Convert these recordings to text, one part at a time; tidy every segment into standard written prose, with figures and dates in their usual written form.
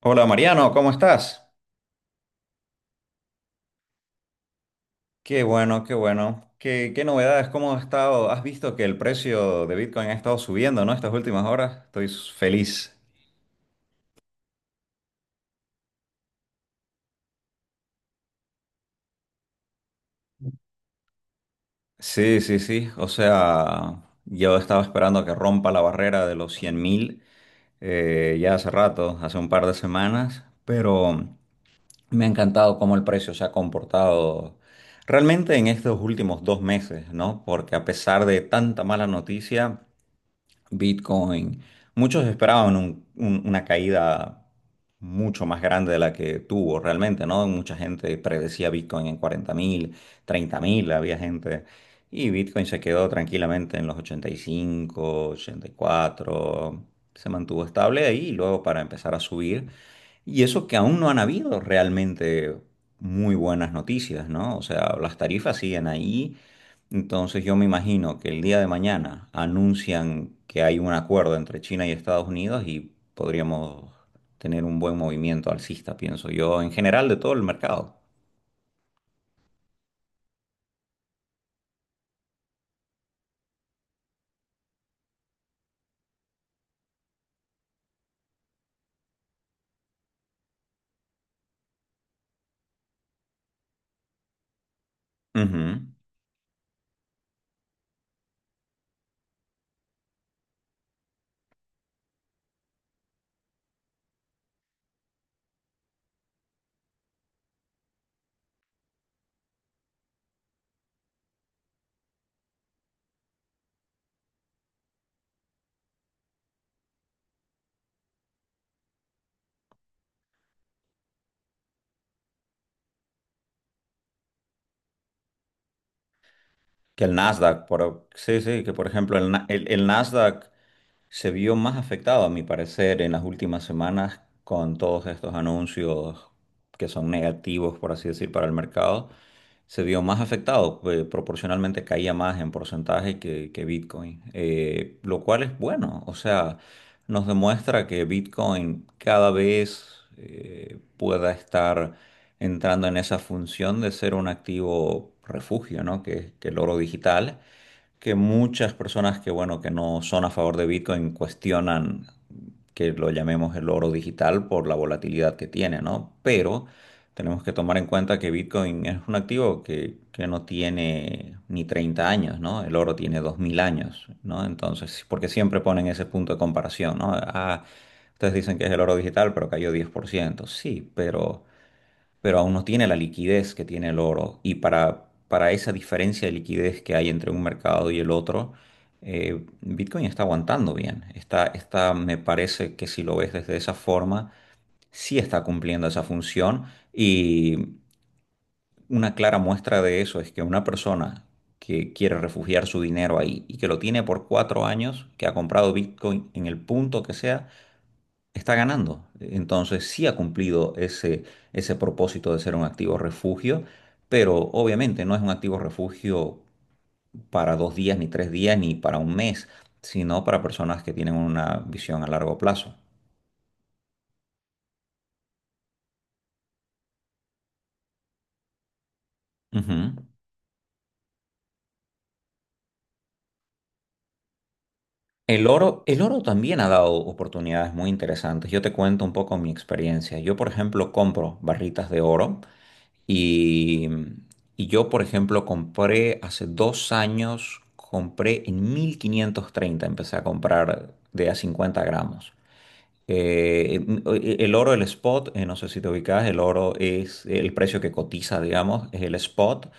Hola Mariano, ¿cómo estás? Qué bueno, qué bueno. ¿Qué novedades? ¿Cómo has estado? ¿Has visto que el precio de Bitcoin ha estado subiendo, ¿no? Estas últimas horas. Estoy feliz. Sí, sí, sí. O sea, yo estaba esperando que rompa la barrera de los 100 mil ya hace rato, hace un par de semanas, pero me ha encantado cómo el precio se ha comportado realmente en estos últimos dos meses, ¿no? Porque a pesar de tanta mala noticia, Bitcoin, muchos esperaban una caída mucho más grande de la que tuvo realmente, ¿no? Mucha gente predecía Bitcoin en 40 mil, 30 mil, había gente. Y Bitcoin se quedó tranquilamente en los ochenta, ochenta y cinco, ochenta y cuatro, se mantuvo estable ahí y luego para empezar a subir, y eso que aún no han habido realmente muy buenas noticias, ¿no? O sea, las tarifas siguen ahí. Entonces yo me imagino que el día de mañana anuncian que hay un acuerdo entre China y Estados Unidos y podríamos tener un buen movimiento alcista, pienso yo, en general de todo el mercado. Ujú. Que el Nasdaq, por, sí, sí, que por ejemplo el Nasdaq se vio más afectado, a mi parecer, en las últimas semanas con todos estos anuncios que son negativos, por así decir, para el mercado. Se vio más afectado, proporcionalmente caía más en porcentaje que Bitcoin, lo cual es bueno. O sea, nos demuestra que Bitcoin cada vez pueda estar entrando en esa función de ser un activo refugio, ¿no? Que el oro digital, que muchas personas que, bueno, que no son a favor de Bitcoin cuestionan que lo llamemos el oro digital por la volatilidad que tiene, ¿no? Pero tenemos que tomar en cuenta que Bitcoin es un activo que no tiene ni 30 años, ¿no? El oro tiene 2000 años, ¿no? Entonces, porque siempre ponen ese punto de comparación, ¿no? Ah, ustedes dicen que es el oro digital, pero cayó diez por ciento. Sí, pero aún no tiene la liquidez que tiene el oro. Y para esa diferencia de liquidez que hay entre un mercado y el otro, Bitcoin está aguantando bien. Está, está, me parece que si lo ves desde esa forma, sí está cumpliendo esa función. Y una clara muestra de eso es que una persona que quiere refugiar su dinero ahí y que lo tiene por cuatro años, que ha comprado Bitcoin en el punto que sea, está ganando. Entonces sí ha cumplido ese, ese propósito de ser un activo refugio, pero obviamente no es un activo refugio para dos días, ni tres días, ni para un mes, sino para personas que tienen una visión a largo plazo. Ujú. El oro también ha dado oportunidades muy interesantes. Yo te cuento un poco mi experiencia. Yo, por ejemplo, compro barritas de oro. Y, y yo, por ejemplo, compré hace dos años, compré en mil quinientos treinta, empecé a comprar de a 50 gramos. El oro, el spot, no sé si te ubicas, el oro es el precio que cotiza, digamos, es el spot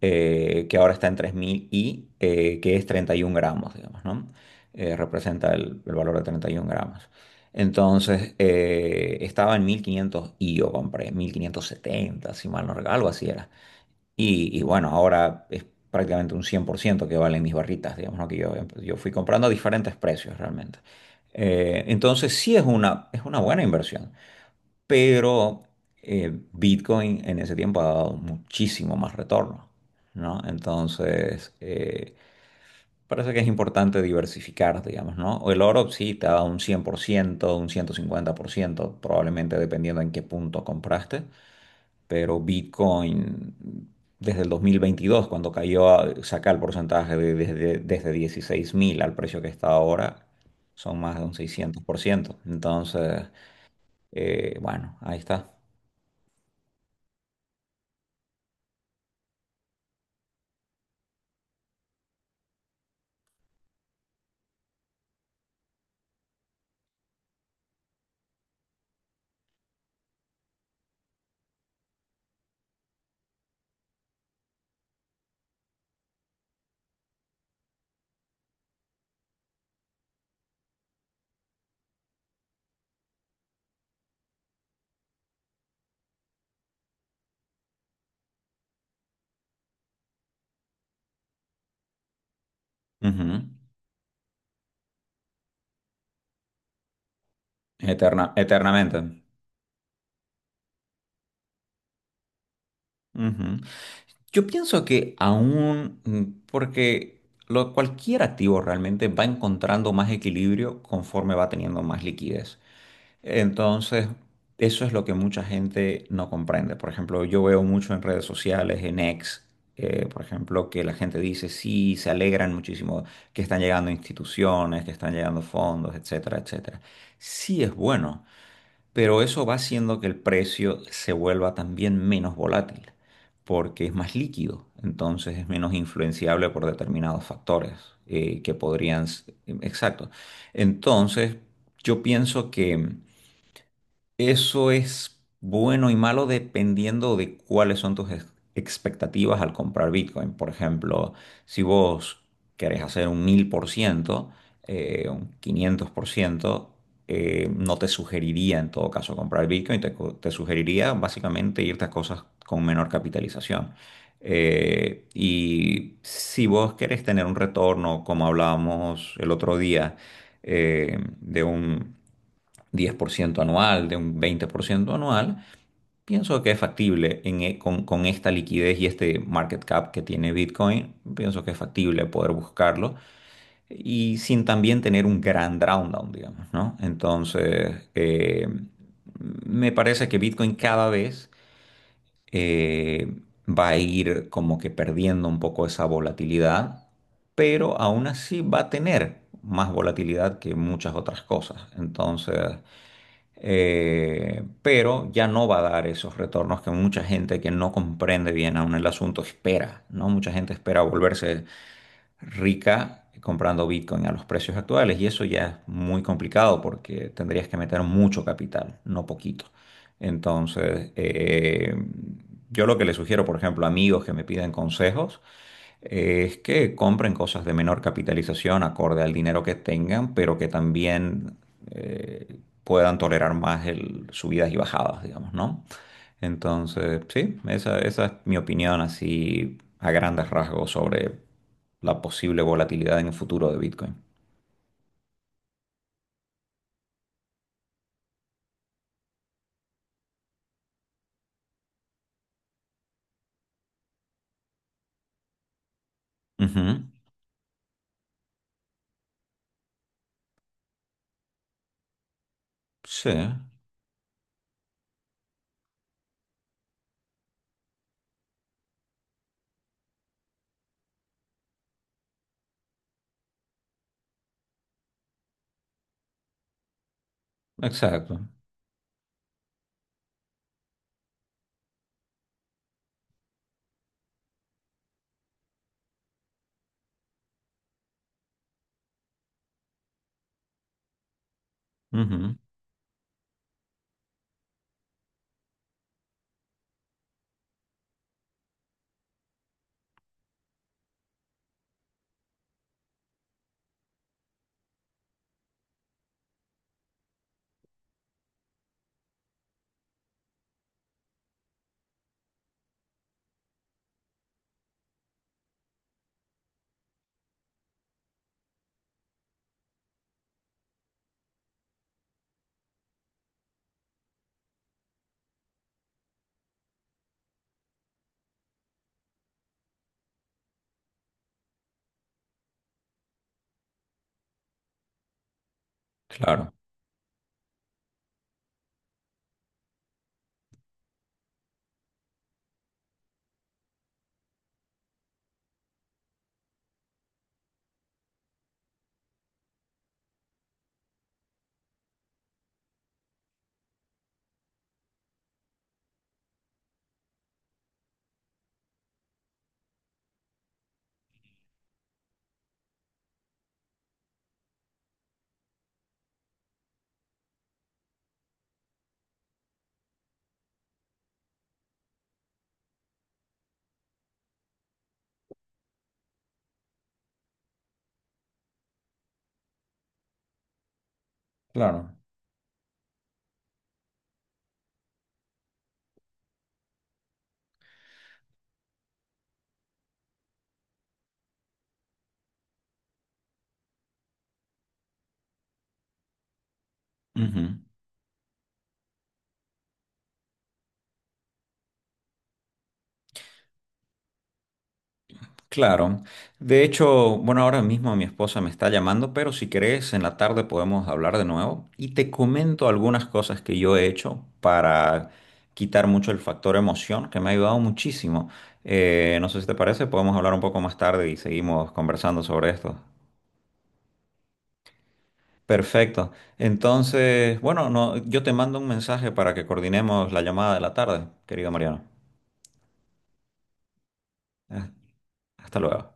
que ahora está en 3.000 y que es 31 gramos, digamos, ¿no? Representa el valor de 31 gramos. Entonces, estaba en 1.500 y yo compré mil quinientos setenta, si mal no recuerdo, algo así era. Y bueno, ahora es prácticamente un 100% que valen mis barritas, digamos, ¿no? Que yo fui comprando a diferentes precios realmente. Entonces, sí es una buena inversión, pero Bitcoin en ese tiempo ha dado muchísimo más retorno, ¿no? Entonces, parece que es importante diversificar, digamos, ¿no? O el oro sí te ha dado un 100%, un ciento, cincuenta por ciento, probablemente dependiendo en qué punto compraste, pero Bitcoin... Desde el 2022 cuando cayó, saca el porcentaje desde, desde 16 mil al precio que está ahora, son más de un seiscientos por ciento. Entonces, bueno, ahí está. Ujú. Eterna, eternamente. Ujú. Yo pienso que aún, porque lo, cualquier activo realmente va encontrando más equilibrio conforme va teniendo más liquidez. Entonces, eso es lo que mucha gente no comprende. Por ejemplo, yo veo mucho en redes sociales, en X, por ejemplo, que la gente dice, sí, se alegran muchísimo que están llegando instituciones, que están llegando fondos, etcétera, etcétera. Sí es bueno, pero eso va haciendo que el precio se vuelva también menos volátil, porque es más líquido, entonces es menos influenciable por determinados factores que podrían... Exacto. Entonces, yo pienso que... Eso es bueno y malo dependiendo de cuáles son tus expectativas al comprar Bitcoin. Por ejemplo, si vos querés hacer un 1000%, un 500%, no te sugeriría en todo caso comprar Bitcoin, te sugeriría básicamente irte a cosas con menor capitalización. Y si vos querés tener un retorno, como hablábamos el otro día, de un 10% anual, de un 20% anual, pienso que es factible en con esta liquidez y este market cap que tiene Bitcoin, pienso que es factible poder buscarlo y sin también tener un gran down, digamos, ¿no? Entonces, me parece que Bitcoin cada vez eh, va a ir como que perdiendo un poco esa volatilidad, pero aún así va a tener más volatilidad que muchas otras cosas. Entonces, pero ya no va a dar esos retornos que mucha gente que no comprende bien aún el asunto espera, ¿no? Mucha gente espera volverse rica comprando Bitcoin a los precios actuales y eso ya es muy complicado porque tendrías que meter mucho capital, no poquito. Entonces, yo lo que le sugiero, por ejemplo, a amigos que me piden consejos, es que compren cosas de menor capitalización acorde al dinero que tengan, pero que también puedan tolerar más el, subidas y bajadas, digamos, ¿no? Entonces, sí, esa es mi opinión así a grandes rasgos sobre la posible volatilidad en el futuro de Bitcoin. Ujú, sí, exacto. Ujú, claro, claro. Ujú. Claro. De hecho, bueno, ahora mismo mi esposa me está llamando, pero si querés, en la tarde podemos hablar de nuevo y te comento algunas cosas que yo he hecho para quitar mucho el factor emoción, que me ha ayudado muchísimo. No sé si te parece, podemos hablar un poco más tarde y seguimos conversando sobre esto. Perfecto. Entonces, bueno, no, yo te mando un mensaje para que coordinemos la llamada de la tarde, querido Mariano. Eh, Hasta luego.